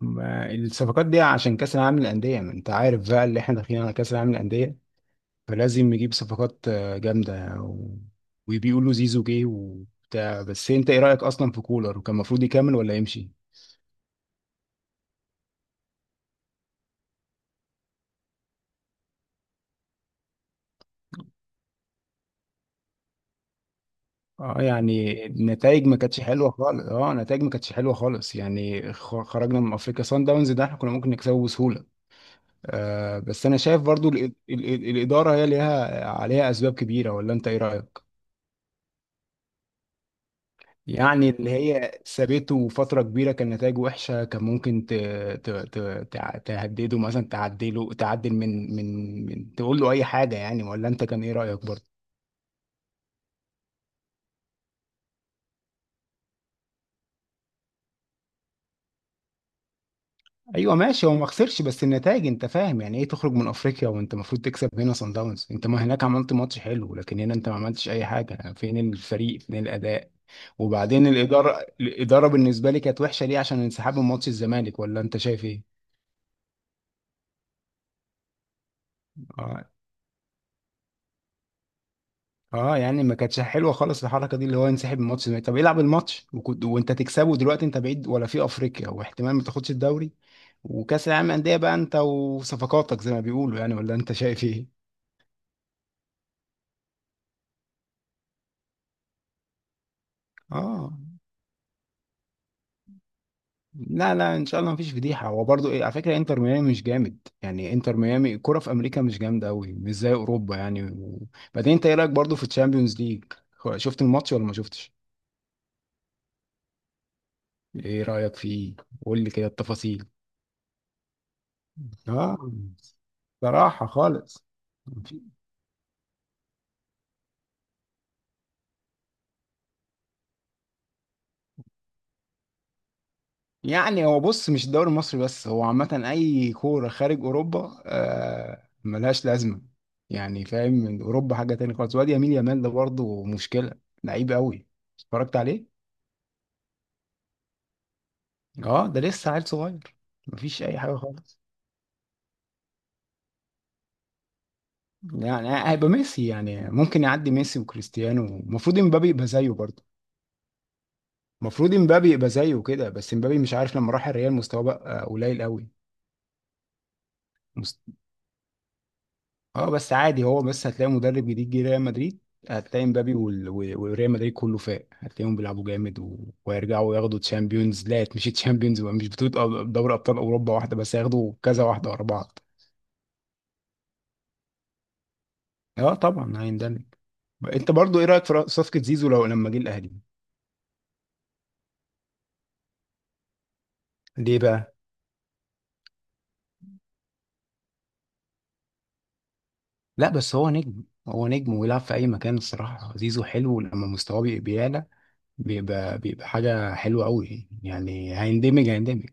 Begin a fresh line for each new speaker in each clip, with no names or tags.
ما الصفقات دي عشان كأس العالم للأندية، ما انت عارف بقى اللي احنا داخلين على كأس العالم للأندية، فلازم نجيب صفقات جامدة. وبيقولوا زيزو جه وبتاع. بس انت ايه رأيك اصلا في كولر، وكان المفروض يكمل ولا يمشي؟ اه، يعني النتائج ما كانتش حلوة خالص، يعني خرجنا من افريقيا. سان داونز ده احنا كنا ممكن نكسبه بسهولة. آه، بس انا شايف برضو الإدارة هي ليها عليها اسباب كبيرة، ولا انت ايه رأيك؟ يعني اللي هي سابته فترة كبيرة كان نتائجه وحشة. كان ممكن ت... ت... تهدده مثلا، تعدله، تعدل من تقول له أي حاجة يعني، ولا أنت كان إيه رأيك برضه؟ أيوه ماشي، هو ما خسرش، بس النتائج أنت فاهم يعني إيه. تخرج من أفريقيا وأنت المفروض تكسب هنا؟ صن داونز أنت ما هناك عملت ماتش حلو، لكن هنا أنت ما عملتش أي حاجة. فين الفريق، فين الأداء؟ وبعدين الإدارة، بالنسبة لي كانت وحشة. ليه؟ عشان انسحاب من ماتش الزمالك. ولا أنت شايف إيه؟ آه. اه، يعني ما كانتش حلوه خالص الحركه دي، اللي هو ينسحب من الماتش ده. طب العب الماتش وكنت وانت تكسبه. دلوقتي انت بعيد ولا في افريقيا، واحتمال ما تاخدش الدوري وكاس العالم انديه بقى، انت وصفقاتك زي ما بيقولوا يعني، ولا انت شايف ايه؟ اه، لا لا ان شاء الله مفيش فضيحه. هو برضو ايه، على فكره انتر ميامي مش جامد يعني. انتر ميامي الكوره في امريكا مش جامده قوي، مش زي اوروبا يعني. وبعدين انت ايه رايك برضو في الشامبيونز ليج؟ شفت الماتش ولا ما شفتش؟ ايه رايك فيه؟ قول لي كده التفاصيل. اه، صراحة خالص. يعني هو بص، مش الدوري المصري بس، هو عامة أي كورة خارج أوروبا ملهاش لازمة يعني فاهم. من أوروبا حاجة تانية خالص. وادي يمين يامال ده برضه مشكلة، لعيب قوي. اتفرجت عليه؟ اه، ده لسه عيل صغير. مفيش أي حاجة خالص. يعني هيبقى ميسي يعني، ممكن يعدي ميسي وكريستيانو. المفروض امبابي يبقى زيه برضه، المفروض امبابي يبقى زيه كده. بس امبابي مش عارف، لما راح الريال مستواه بقى قليل قوي. اه، بس عادي هو. بس هتلاقي مدرب جديد جه ريال مدريد، هتلاقي مبابي وريال مدريد كله فاق. هتلاقيهم بيلعبوا جامد ويرجعوا ياخدوا تشامبيونز، لا مش تشامبيونز، مش بطولة، دوري ابطال اوروبا واحدة بس، هياخدوا كذا واحدة ورا بعض. اه طبعا هيندمج. انت برضو ايه رأيك في صفقة زيزو لو لما جه الاهلي؟ ليه بقى؟ لا، بس هو نجم، هو نجم ويلعب في اي مكان. الصراحه زيزو حلو، ولما مستواه بيعلى بيبقى حاجه حلوه قوي يعني، هيندمج هيندمج.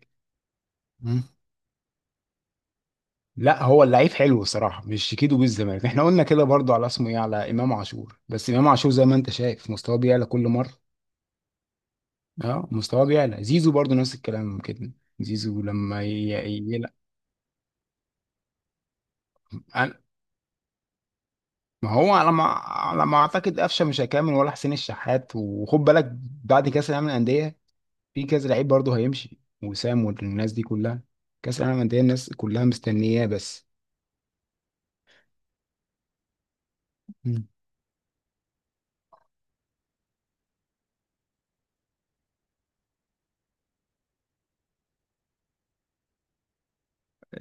لا، هو اللعيب حلو الصراحه، مش شيكيدو بالزمالك. احنا قلنا كده برضو على اسمه ايه، على امام عاشور. بس امام عاشور زي ما انت شايف مستواه بيعلى كل مره. اه، مستواه بيعلى. زيزو برضو نفس الكلام كده، زيزو لما يلعب. ما هو على ما اعتقد قفشه مش هيكمل، ولا حسين الشحات، وخد بالك. بعد كاس العالم للانديه في كذا لعيب برضو هيمشي، وسام والناس دي كلها. كاس العالم للانديه الناس كلها مستنياه بس.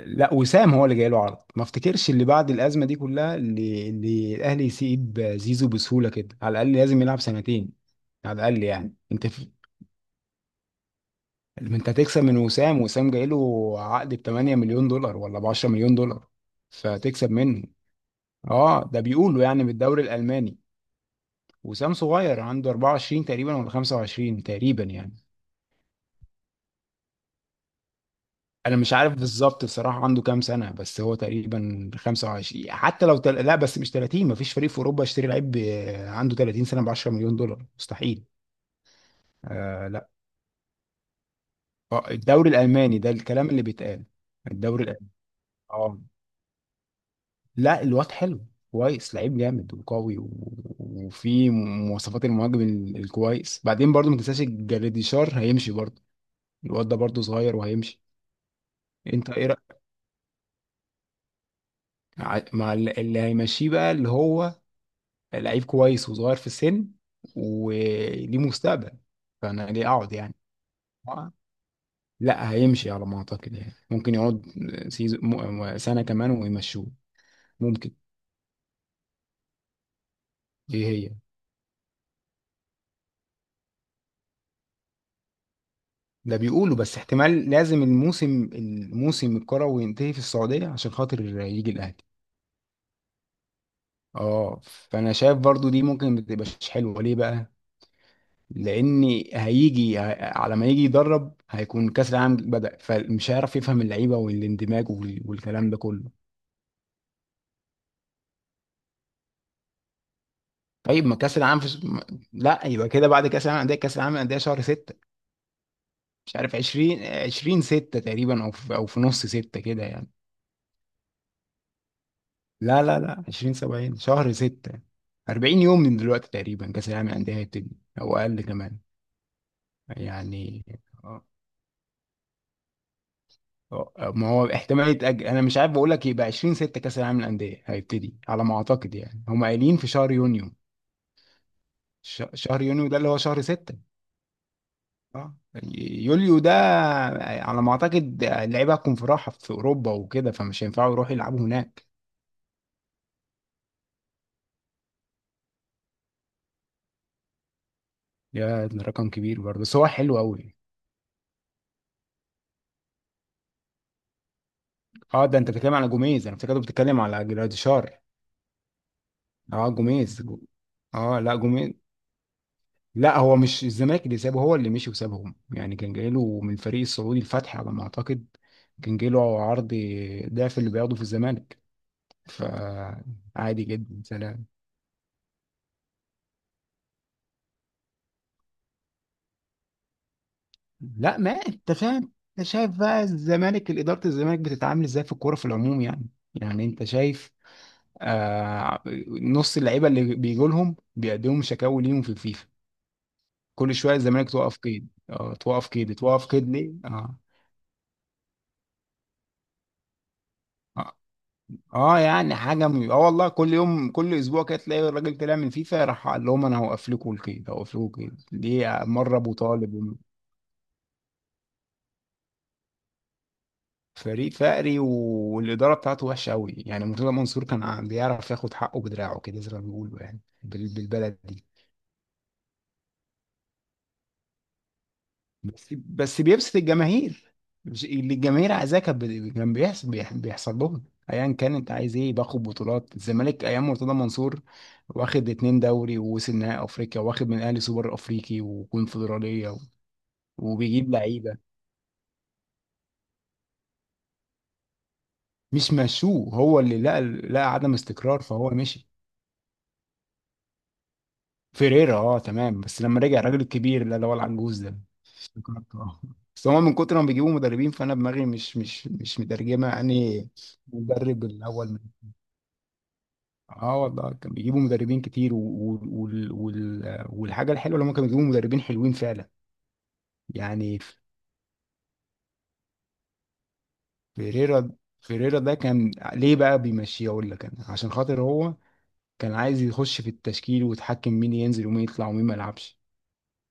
لا، وسام هو اللي جاي له عرض. ما افتكرش اللي بعد الازمه دي كلها، اللي الاهلي يسيب زيزو بسهوله كده. على الاقل لازم يلعب سنتين، على الاقل يعني. انت هتكسب من وسام. وسام جاي له عقد ب 8 مليون دولار ولا ب 10 مليون دولار، فتكسب منه. اه، ده بيقولوا يعني بالدوري الالماني. وسام صغير، عنده 24 تقريبا ولا 25 تقريبا يعني. انا مش عارف بالظبط بصراحه عنده كام سنه، بس هو تقريبا 25، حتى لو لا بس مش 30. مفيش فريق في اوروبا يشتري لعيب عنده 30 سنه ب 10 مليون دولار، مستحيل. آه لا، آه الدوري الالماني، ده الكلام اللي بيتقال، الدوري الالماني. اه لا الواد حلو كويس، لعيب جامد وقوي، وفي مواصفات المهاجم الكويس. بعدين برضو ما تنساش الجراديشار هيمشي برضو، الواد ده برضو صغير وهيمشي. انت ايه رأيك مع اللي هيمشيه بقى، اللي هو لعيب كويس وصغير في السن وليه مستقبل. فانا ليه اقعد يعني؟ آه. لا هيمشي على ما اعتقد يعني، ممكن يقعد سيزون سنة كمان ويمشوه، ممكن. ايه هي؟ ده بيقولوا بس احتمال لازم الموسم الكروي ينتهي في السعودية عشان خاطر يجي الاهلي. اه، فانا شايف برضو دي ممكن ما تبقاش حلوة. ليه بقى؟ لان هيجي، على ما يجي يدرب هيكون كاس العالم بدأ، فمش هيعرف يفهم اللعيبة والاندماج والكلام ده كله. طيب ما كاس العالم، لا، يبقى كده بعد كاس العالم للانديه شهر 6، مش عارف 20 20 6 تقريبا، او في نص 6 كده يعني. لا لا لا 20 70 شهر 6. 40 يوم من دلوقتي تقريبا كاس العالم للانديه هيبتدي، او اقل كمان. يعني، آه، ما هو احتمال يتاجل. انا مش عارف بقول لك، يبقى 20 6 كاس العالم للانديه هيبتدي على ما اعتقد، يعني هم قايلين في شهر يونيو. شهر يونيو ده اللي هو شهر 6. اه، يوليو ده على ما اعتقد اللعيبه هتكون في راحه في اوروبا وكده، فمش هينفعوا يروحوا يلعبوا هناك. يا ده رقم كبير برضه، بس هو حلو قوي. اه، ده انت بتتكلم على جوميز، انا افتكرت بتتكلم على جراديشار. اه جوميز. اه لا جوميز. لا، هو مش الزمالك اللي سابه، هو اللي مشي وسابهم يعني. كان جايله من الفريق السعودي الفتح على ما اعتقد، كان جايله عرض ضعف اللي بياخده في الزمالك، فعادي جدا. سلام. لا، ما انت فاهم. انت شايف بقى الزمالك، اداره الزمالك بتتعامل ازاي في الكوره في العموم يعني انت شايف، آه، نص اللعيبه اللي بيجوا لهم بيقدموا شكاوي ليهم في الفيفا. كل شويه الزمالك توقف قيد، توقف قيد، توقف قيد، ليه؟ اه. اه, آه يعني حاجه، م... اه والله كل يوم كل اسبوع كده تلاقي الراجل طلع من فيفا راح قال لهم انا هوقف لكم القيد، هوقف لكم القيد، دي مره ابو طالب. فريق فقري، والإدارة بتاعته وحشة قوي يعني. مرتضى منصور كان بيعرف ياخد حقه بدراعه كده زي ما بيقولوا يعني، بالبلد دي. بس بيبسط الجماهير، اللي الجماهير عايزاه كان كان بيحصل، بيحصل لهم. ايا كان، انت عايز ايه، باخد بطولات الزمالك ايام مرتضى منصور، واخد اتنين دوري، ووصل نهائي افريقيا، واخد من الاهلي سوبر افريقي وكونفدراليه، وبيجيب لعيبه. مش مشوه، هو اللي لقى عدم استقرار فهو مشي. فيريرا، اه تمام. بس لما رجع الراجل الكبير اللي هو العنجوز ده، افتكرت. اه. بس هما من كتر ما بيجيبوا مدربين، فانا دماغي مش مترجمه اني. مدرب الاول من. اه والله كان بيجيبوا مدربين كتير، والحاجه الحلوه اللي هما كانوا بيجيبوا مدربين حلوين فعلا. يعني فيريرا فيريرا ده كان ليه بقى بيمشيه؟ اقول لك انا، عشان خاطر هو كان عايز يخش في التشكيل ويتحكم مين ينزل ومين يطلع ومين ما يلعبش.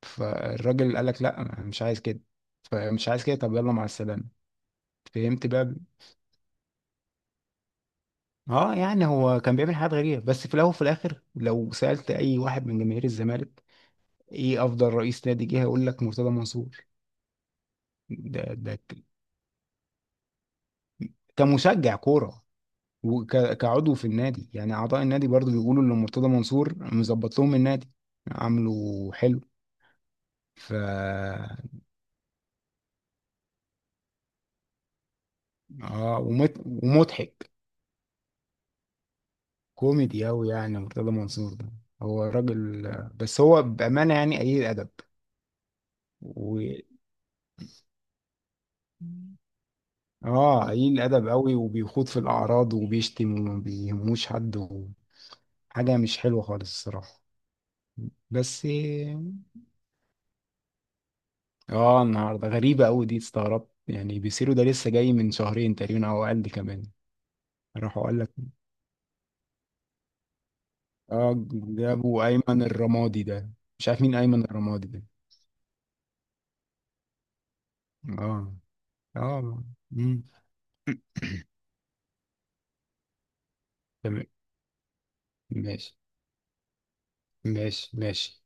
فالراجل قال لك لا أنا مش عايز كده، فمش عايز كده، طب يلا مع السلامه. فهمت بقى. اه، يعني هو كان بيعمل حاجات غريبة. بس في الاول وفي الاخر لو سألت اي واحد من جماهير الزمالك ايه افضل رئيس نادي جه، هيقول لك مرتضى منصور. ده كمشجع كورة وكعضو في النادي يعني، اعضاء النادي برضو بيقولوا ان مرتضى منصور مظبط لهم النادي، عامله حلو. ف اه، ومضحك، كوميدي اوي يعني مرتضى منصور ده. هو راجل، بس هو بأمانة يعني قليل الادب. و... اه، قليل الادب قوي، وبيخوض في الاعراض وبيشتم وما بيهموش حد. حاجه مش حلوه خالص الصراحه، بس. اه، النهارده غريبه قوي دي، استغربت يعني. بيسيرو ده لسه جاي من شهرين تقريبا او اقل كمان. راحوا قال لك. اه، جابوا ايمن الرمادي ده، مش عارف مين ايمن الرمادي ده. اه. اه. مم. تمام. ماشي، ماشي، ماشي.